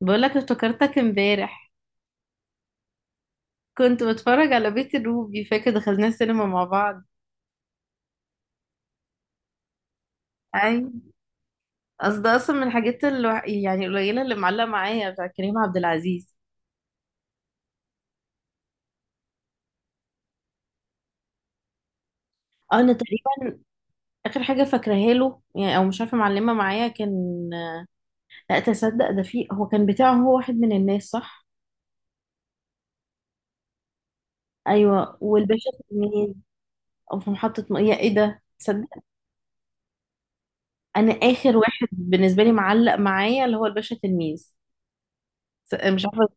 بقولك افتكرتك امبارح. كنت بتفرج على بيت الروبي، فاكر دخلنا السينما مع بعض؟ اي. اصل ده اصلا من الحاجات الوح... يعني القليله اللي معلقه معايا، بتاع كريم عبد العزيز. اه، انا تقريبا اخر حاجه فاكراها له يعني، او مش عارفه، معلمه معايا كان. لا تصدق، ده فيه، هو كان بتاعه، هو واحد من الناس صح. ايوه، والباشا تلميذ. او في يا ايه ده، تصدق. انا اخر واحد بالنسبه لي معلق معايا اللي هو الباشا تلميذ. مش عارفه.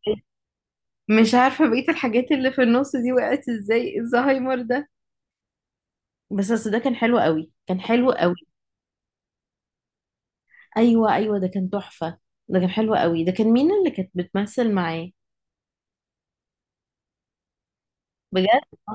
مش عارفة بقية الحاجات اللي في النص دي وقعت ازاي، الزهايمر ده. بس اصل ده كان حلو قوي، كان حلو قوي. ايوه ايوه، ده كان تحفه. ده كان حلو قوي، ده كان مين اللي كانت بتمثل معاه؟ بجد؟ آه.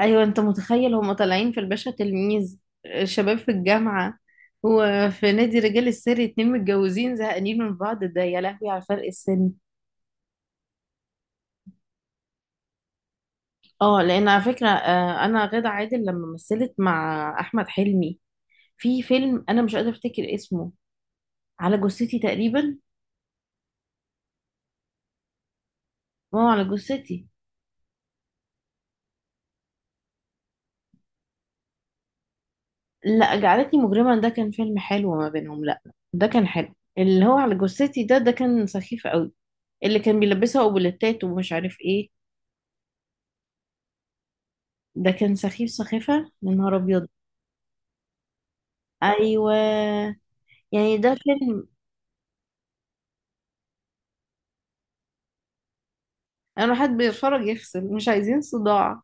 ايوه انت متخيل، هما طالعين في الباشا تلميذ شباب في الجامعه، وفي نادي رجال السر اتنين متجوزين زهقانين من بعض، ده يا لهوي على فرق السن. اه لان على فكره، انا غادة عادل لما مثلت مع احمد حلمي في فيلم، انا مش قادره افتكر اسمه، على جثتي تقريبا. اه، على جثتي. لا، جعلتني مجرما ده كان فيلم حلو ما بينهم، لا. ده كان حلو، اللي هو على جثتي ده كان سخيف قوي. اللي كان بيلبسها اوبليتات ومش عارف ايه، ده كان سخيف سخيفة. يا نهار ابيض. ايوه. يعني ده فيلم، انا حد بيتفرج يفصل، مش عايزين صداع.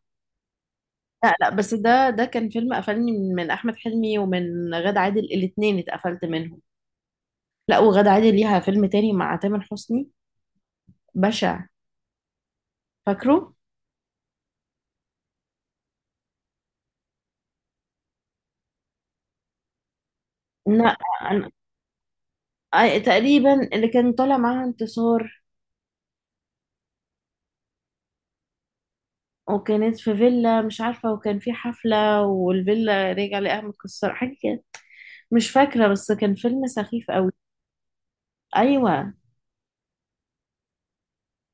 لا لا، بس ده كان فيلم قفلني من احمد حلمي ومن غادة عادل، الاتنين اتقفلت منهم. لا، وغادة عادل ليها فيلم تاني مع تامر حسني بشع، فاكره؟ لا أنا- تقريبا اللي كان طالع معاها انتصار، وكانت في فيلا مش عارفة، وكان في حفلة والفيلا رجع لقاها متكسرة حاجة كده، مش فاكرة، بس كان فيلم سخيف قوي. أيوة.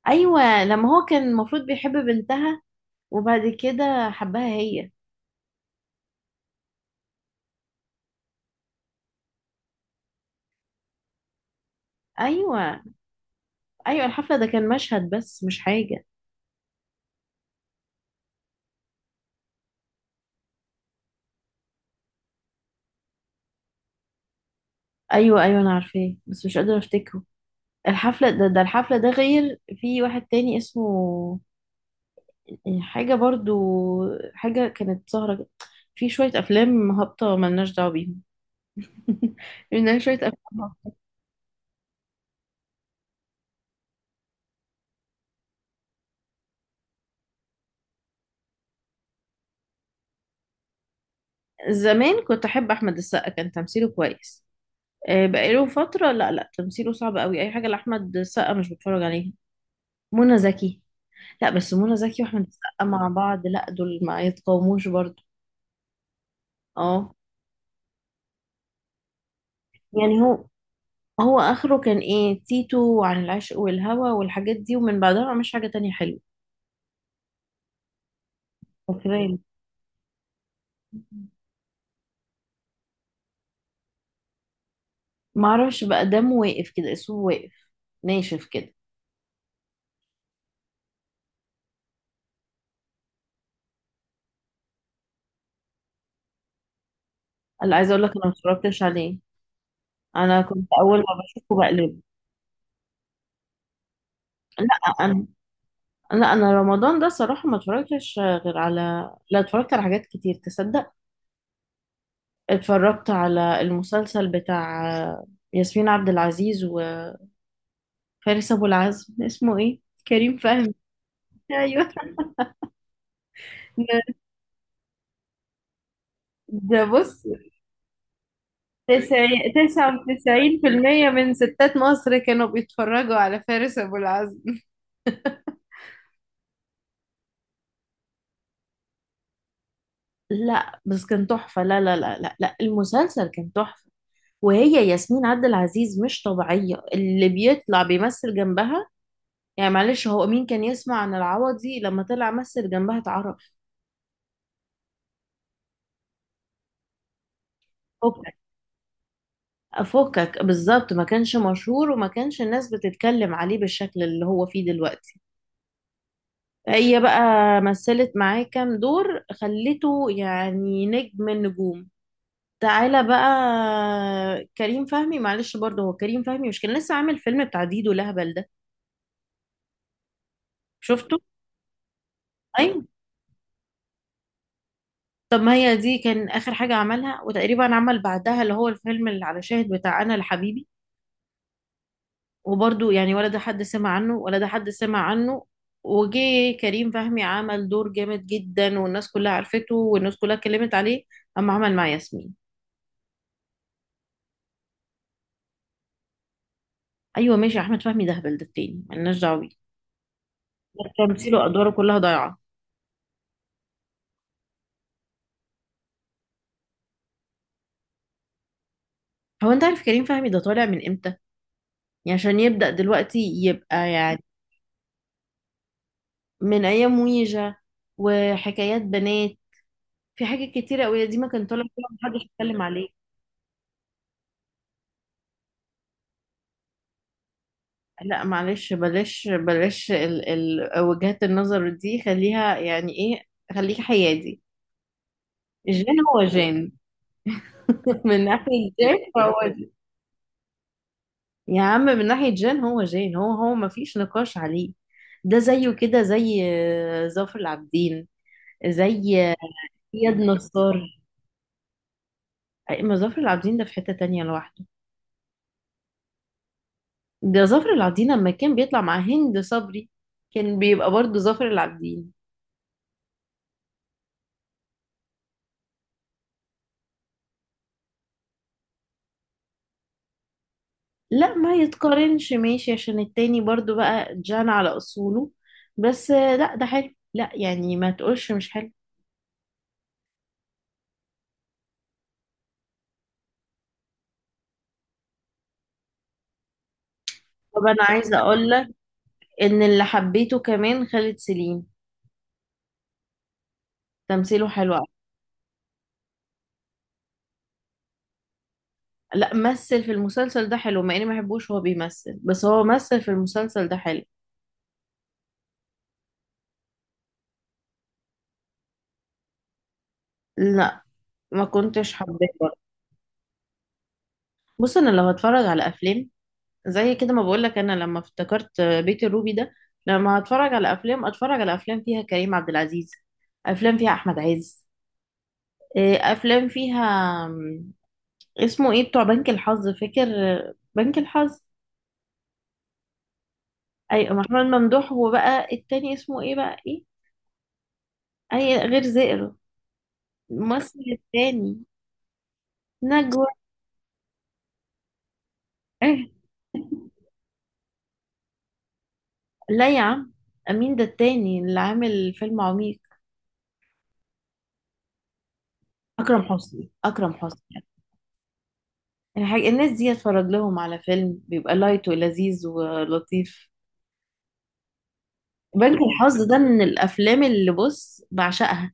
أيوة لما هو كان المفروض بيحب بنتها وبعد كده حبها هي. أيوة. أيوة الحفلة ده كان مشهد بس مش حاجة. أيوة. أيوة أنا عارفاه بس مش قادرة أفتكره. الحفلة ده، الحفلة ده غير في واحد تاني اسمه يعني حاجة برضو، حاجة كانت سهرة. في شوية أفلام هابطة ملناش دعوة بيهم لأن شوية أفلام هابطة. زمان كنت أحب أحمد السقا، كان تمثيله كويس بقاله فترة. لا لا، تمثيله صعب قوي، أي حاجة لأحمد السقا مش بتفرج عليها. منى زكي؟ لا، بس منى زكي وأحمد السقا مع بعض لا، دول ما يتقاوموش برضو. اه. يعني هو، هو آخره كان إيه، تيتو وعن العشق والهوى والحاجات دي، ومن بعدها مش حاجة تانية حلوة فاكرة. ما اعرفش بقى، دمه واقف كده، اسمه واقف، ناشف كده. انا عايزه اقول لك انا ما اتفرجتش عليه، انا كنت اول ما بشوفه بقلبه. لا انا لا انا رمضان ده صراحه ما اتفرجتش، غير على، لا اتفرجت على حاجات كتير تصدق. اتفرجت على المسلسل بتاع ياسمين عبد العزيز وفارس ابو العزم، اسمه ايه؟ كريم فهمي. ايوه. ده بص، 90، 99% من ستات مصر كانوا بيتفرجوا على فارس أبو العزم. لا بس كان تحفة، لا لا لا لا لا، المسلسل كان تحفة. وهي ياسمين عبد العزيز مش طبيعية اللي بيطلع بيمثل جنبها. يعني معلش، هو مين كان يسمع عن العوضي لما طلع مثل جنبها اتعرف. فكك، فكك بالظبط، ما كانش مشهور وما كانش الناس بتتكلم عليه بالشكل اللي هو فيه دلوقتي. هي بقى مثلت معاه كام دور خلته يعني نجم النجوم. تعالى بقى، كريم فهمي معلش برضه، هو كريم فهمي مش كان لسه عامل فيلم بتاع ديدو لهبل ده، شفته؟ ايوه. طب ما هي دي كان اخر حاجه عملها، وتقريبا عمل بعدها اللي هو الفيلم اللي على شاهد بتاع انا لحبيبي، وبرضه يعني ولا ده حد سمع عنه ولا ده حد سمع عنه. وجي كريم فهمي عمل دور جامد جدا، والناس كلها عرفته والناس كلها اتكلمت عليه، اما عمل مع ياسمين. ايوه ماشي، احمد فهمي ده هبل، ده التاني ملناش دعوه بيه. تمثيله ادواره كلها ضايعه. هو انت عارف كريم فهمي ده طالع من امتى، يعني عشان يبدأ دلوقتي يبقى يعني، من أيام ويجا وحكايات بنات، في حاجات كتيرة أوي دي ما كان طالع فيها محدش يتكلم عليه. لا معلش، بلاش بلاش، ال وجهات النظر دي خليها يعني إيه، خليك حيادي. جان هو جان من ناحية جان فهو جان. يا عم من ناحية جان هو جان، هو هو ما فيش نقاش عليه. ده زيه كده زي ظافر العابدين، زي إياد نصار. ما ظافر العابدين ده في حتة تانية لوحده. ده ظافر العابدين لما كان بيطلع مع هند صبري كان بيبقى برضه ظافر العابدين. لا ما يتقارنش، ماشي، عشان التاني برضه بقى جان على اصوله. بس لا ده حلو، لا يعني ما تقولش مش حلو. طب انا عايزه اقول لك ان اللي حبيته كمان خالد سليم، تمثيله حلو أوي. لا مثل في المسلسل ده حلو، مع اني ما بحبوش هو بيمثل، بس هو مثل في المسلسل ده حلو. لا ما كنتش حباه برضه. بص انا لو هتفرج على افلام زي كده، ما بقولك انا لما افتكرت بيت الروبي ده، لما اتفرج على افلام اتفرج على افلام فيها كريم عبد العزيز، افلام فيها احمد عز، افلام فيها اسمه ايه بتوع بنك الحظ، فاكر؟ بنك الحظ. اي محمد ممدوح، وبقى التاني اسمه ايه بقى ايه، اي غير زئر، الممثل التاني، نجوى. إيه؟ لا يا عم، مين ده التاني اللي عامل فيلم عميق، اكرم حسني اكرم حسني. الناس دي اتفرج لهم على فيلم بيبقى لايت ولذيذ ولطيف. بنك الحظ ده من الافلام اللي بص بعشقها.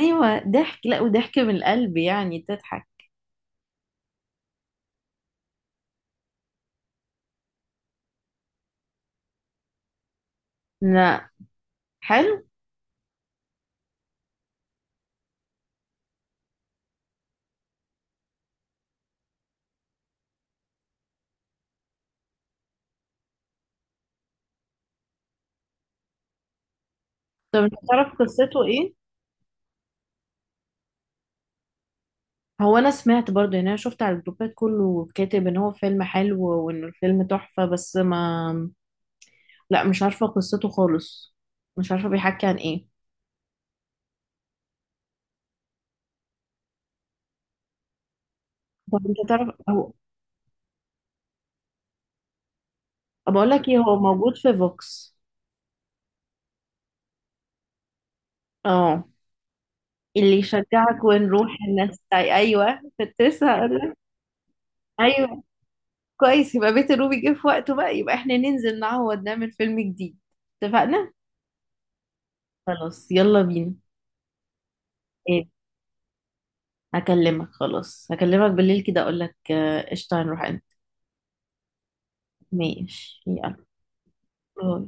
ايوه ضحك، لا وضحك من القلب يعني تضحك. لا حلو. طب انت تعرف قصته ايه؟ هو انا سمعت برضه يعني، انا شفت على الجروبات كله كاتب ان هو فيلم حلو وان الفيلم تحفة بس ما، لا مش عارفة قصته خالص، مش عارفة بيحكي عن ايه. طب انت تعرف هو، بقول لك ايه، هو موجود في فوكس. اه. اللي يشجعك ونروح الناس تاي ايوه كنت لسه هقول لك. ايوه كويس، يبقى بيت الروبي جه في وقته بقى، يبقى احنا ننزل نعوض نعمل فيلم جديد، اتفقنا. خلاص يلا بينا. ايه؟ هكلمك خلاص، هكلمك بالليل كده اقول لك قشطه هنروح امتى. ماشي يلا. باي.